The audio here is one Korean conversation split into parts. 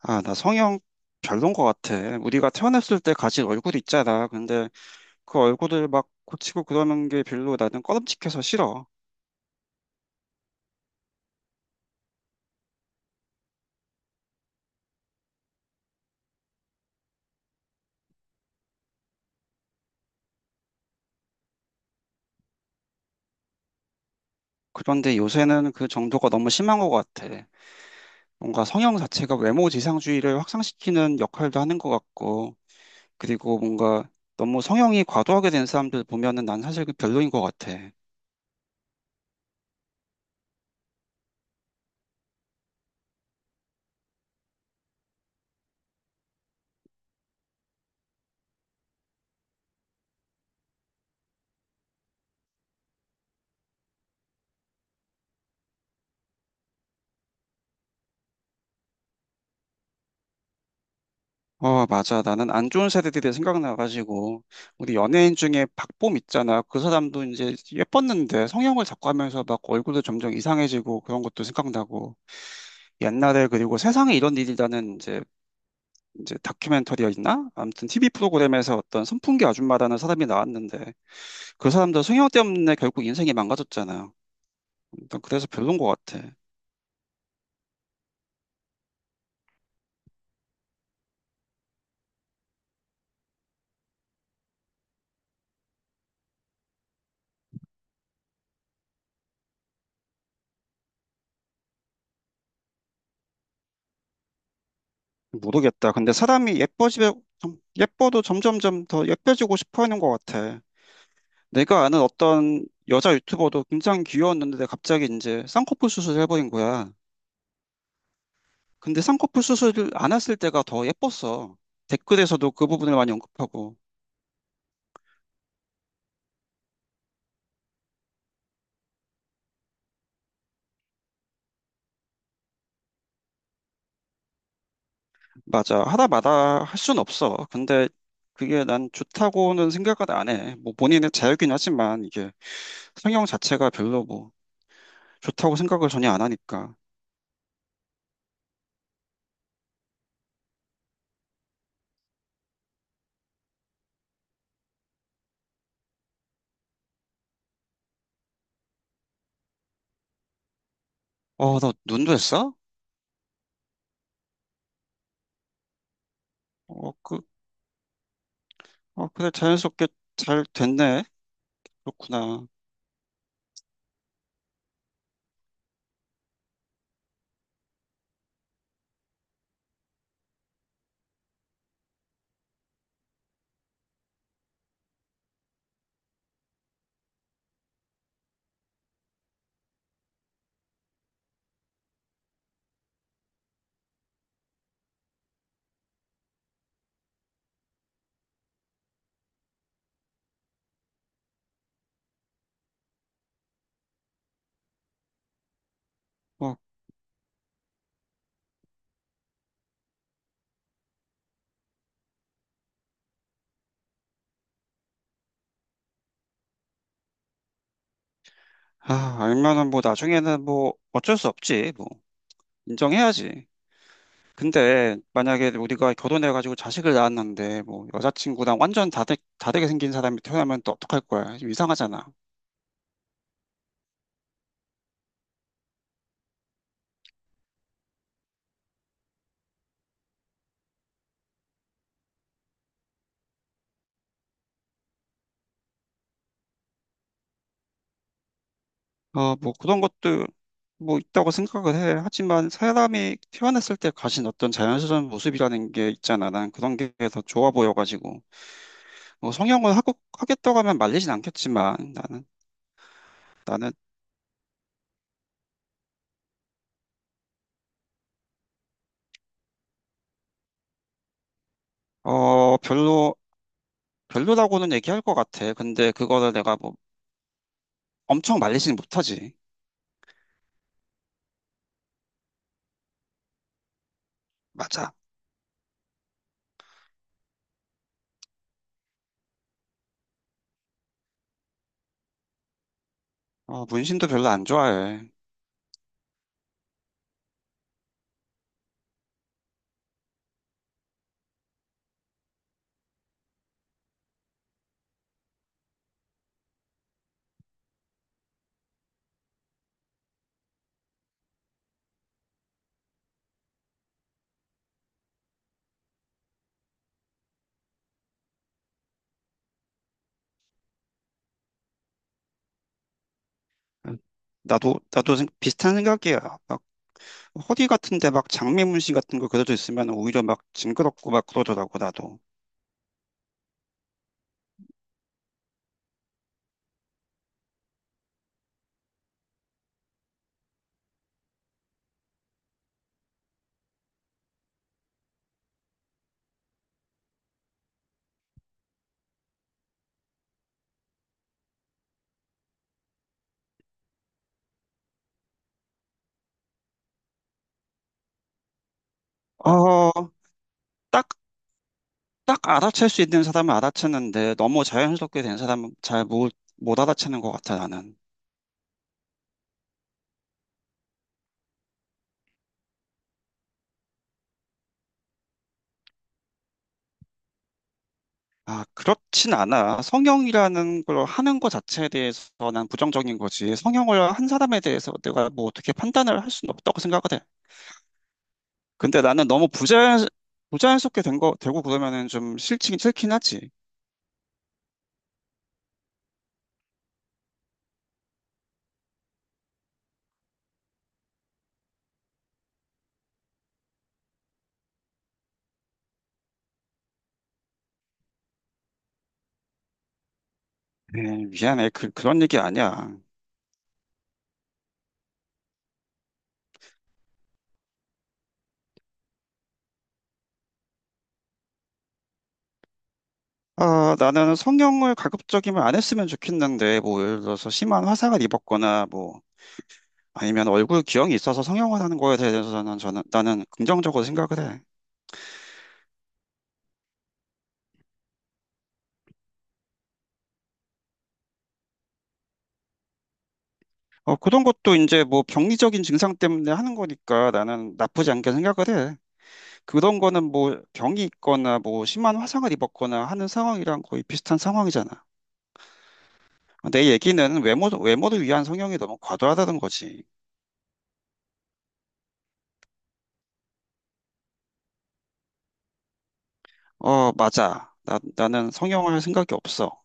아, 나 성형 별론 것 같아. 우리가 태어났을 때 가진 얼굴 있잖아. 근데 그 얼굴을 막 고치고 그러는 게 별로 나는 꺼름칙해서 싫어. 그런데 요새는 그 정도가 너무 심한 것 같아. 뭔가 성형 자체가 외모 지상주의를 확산시키는 역할도 하는 것 같고, 그리고 뭔가 너무 성형이 과도하게 된 사람들 보면은 난 사실 그 별로인 것 같아. 어, 맞아. 나는 안 좋은 세대들이 생각나가지고, 우리 연예인 중에 박봄 있잖아. 그 사람도 이제 예뻤는데 성형을 자꾸 하면서 막 얼굴도 점점 이상해지고 그런 것도 생각나고. 옛날에 그리고 세상에 이런 일이라는 이제, 이제 다큐멘터리였나? 아무튼 TV 프로그램에서 어떤 선풍기 아줌마라는 사람이 나왔는데 그 사람도 성형 때문에 결국 인생이 망가졌잖아. 일단 그래서 별론 것 같아. 모르겠다. 근데 예뻐도 점점점 더 예뻐지고 싶어 하는 것 같아. 내가 아는 어떤 여자 유튜버도 굉장히 귀여웠는데 내가 갑자기 이제 쌍꺼풀 수술을 해버린 거야. 근데 쌍꺼풀 수술을 안 했을 때가 더 예뻤어. 댓글에서도 그 부분을 많이 언급하고. 맞아. 하다 마다 할 순 없어. 근데 그게 난 좋다고는 생각을 안 해. 뭐 본인의 자유긴 하지만 이게 성형 자체가 별로 뭐 좋다고 생각을 전혀 안 하니까. 어, 너 눈도 했어? 어, 그, 어, 그래. 자연스럽게 잘 됐네. 그렇구나. 어, 아, 알면은 뭐 나중에는 뭐 어쩔 수 없지. 뭐 인정해야지. 근데 만약에 우리가 결혼해가지고 자식을 낳았는데 뭐 여자친구랑 다르게 생긴 사람이 태어나면 또 어떡할 거야. 좀 이상하잖아. 어, 뭐 그런 것도 뭐 있다고 생각을 해. 하지만 사람이 태어났을 때 가진 어떤 자연스러운 모습이라는 게 있잖아. 난 그런 게 더 좋아 보여가지고. 뭐 하겠다고 하면 말리진 않겠지만 나는, 어, 별로라고는 얘기할 것 같아. 근데 그거를 내가 뭐 엄청 말리지는 못하지. 맞아. 어, 문신도 별로 안 좋아해. 나도 비슷한 생각이야. 막, 허리 같은데 막 장미 문신 같은 거 그려져 있으면 오히려 막 징그럽고 막 그러더라고, 나도. 어, 딱, 딱 알아챌 수 있는 사람은 알아챘는데 너무 자연스럽게 된 사람은 잘 못, 못 알아채는 것 같아, 나는. 아, 그렇진 않아. 성형이라는 걸 하는 것 자체에 대해서 난 부정적인 거지. 성형을 한 사람에 대해서 내가 뭐 어떻게 판단을 할 수는 없다고 생각을 해. 근데 부자연스럽게 되고 그러면은 싫긴 하지. 에이, 미안해. 그런 얘기 아니야. 아, 나는 성형을 가급적이면 안 했으면 좋겠는데, 뭐, 예를 들어서 심한 화상을 입었거나, 뭐, 아니면 얼굴 기형이 있어서 성형을 하는 거에 대해서는 나는 긍정적으로 생각을 해. 어, 그런 것도 이제 뭐 병리적인 증상 때문에 하는 거니까 나는 나쁘지 않게 생각을 해. 그런 거는 뭐 병이 있거나 뭐 심한 화상을 입었거나 하는 상황이랑 거의 비슷한 상황이잖아. 내 얘기는 외모를 위한 성형이 너무 과도하다는 거지. 어, 맞아. 나는 성형을 할 생각이 없어.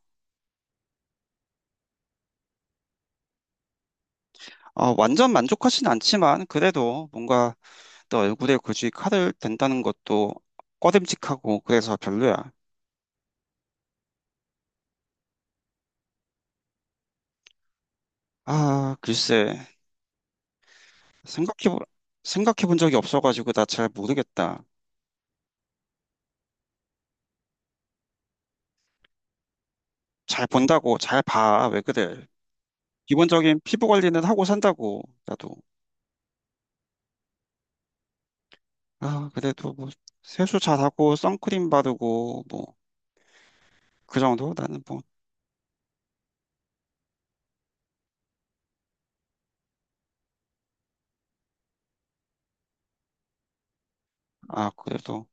어, 완전 만족하진 않지만, 그래도 뭔가 내 얼굴에 굳이 칼을 댄다는 것도 꺼림칙하고, 그래서 별로야. 아, 글쎄. 생각해, 보- 생각해 본 적이 없어가지고, 나 잘 모르겠다. 잘 봐. 왜 그래. 기본적인 피부 관리는 하고 산다고, 나도. 아, 그래도 뭐, 세수 잘하고, 선크림 바르고, 뭐, 그 정도? 나는 뭐. 아, 그래도,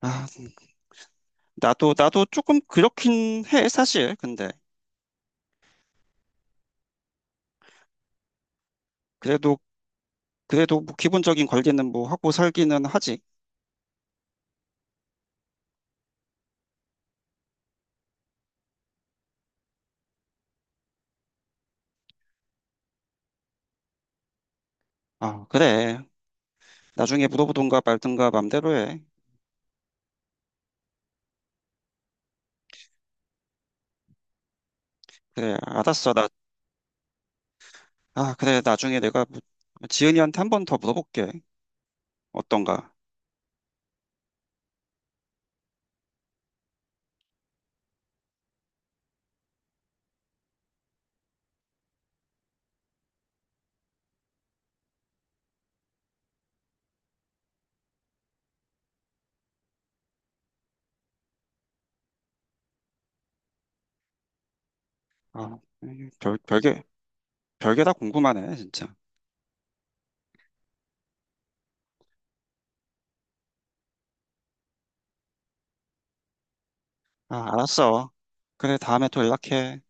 아, 나도 조금 그렇긴 해, 사실. 근데, 그래도, 그래도 뭐 기본적인 관리는 뭐 하고 살기는 하지. 아, 그래. 나중에 물어보든가 말든가 맘대로 해. 그래, 알았어. 아, 그래. 나중에 내가 뭐 지은이한테 한 번 더 물어볼게. 어떤가. 아, 별, 별게, 별게 다 궁금하네, 진짜. 아, 알았어. 그래, 다음에 또 연락해.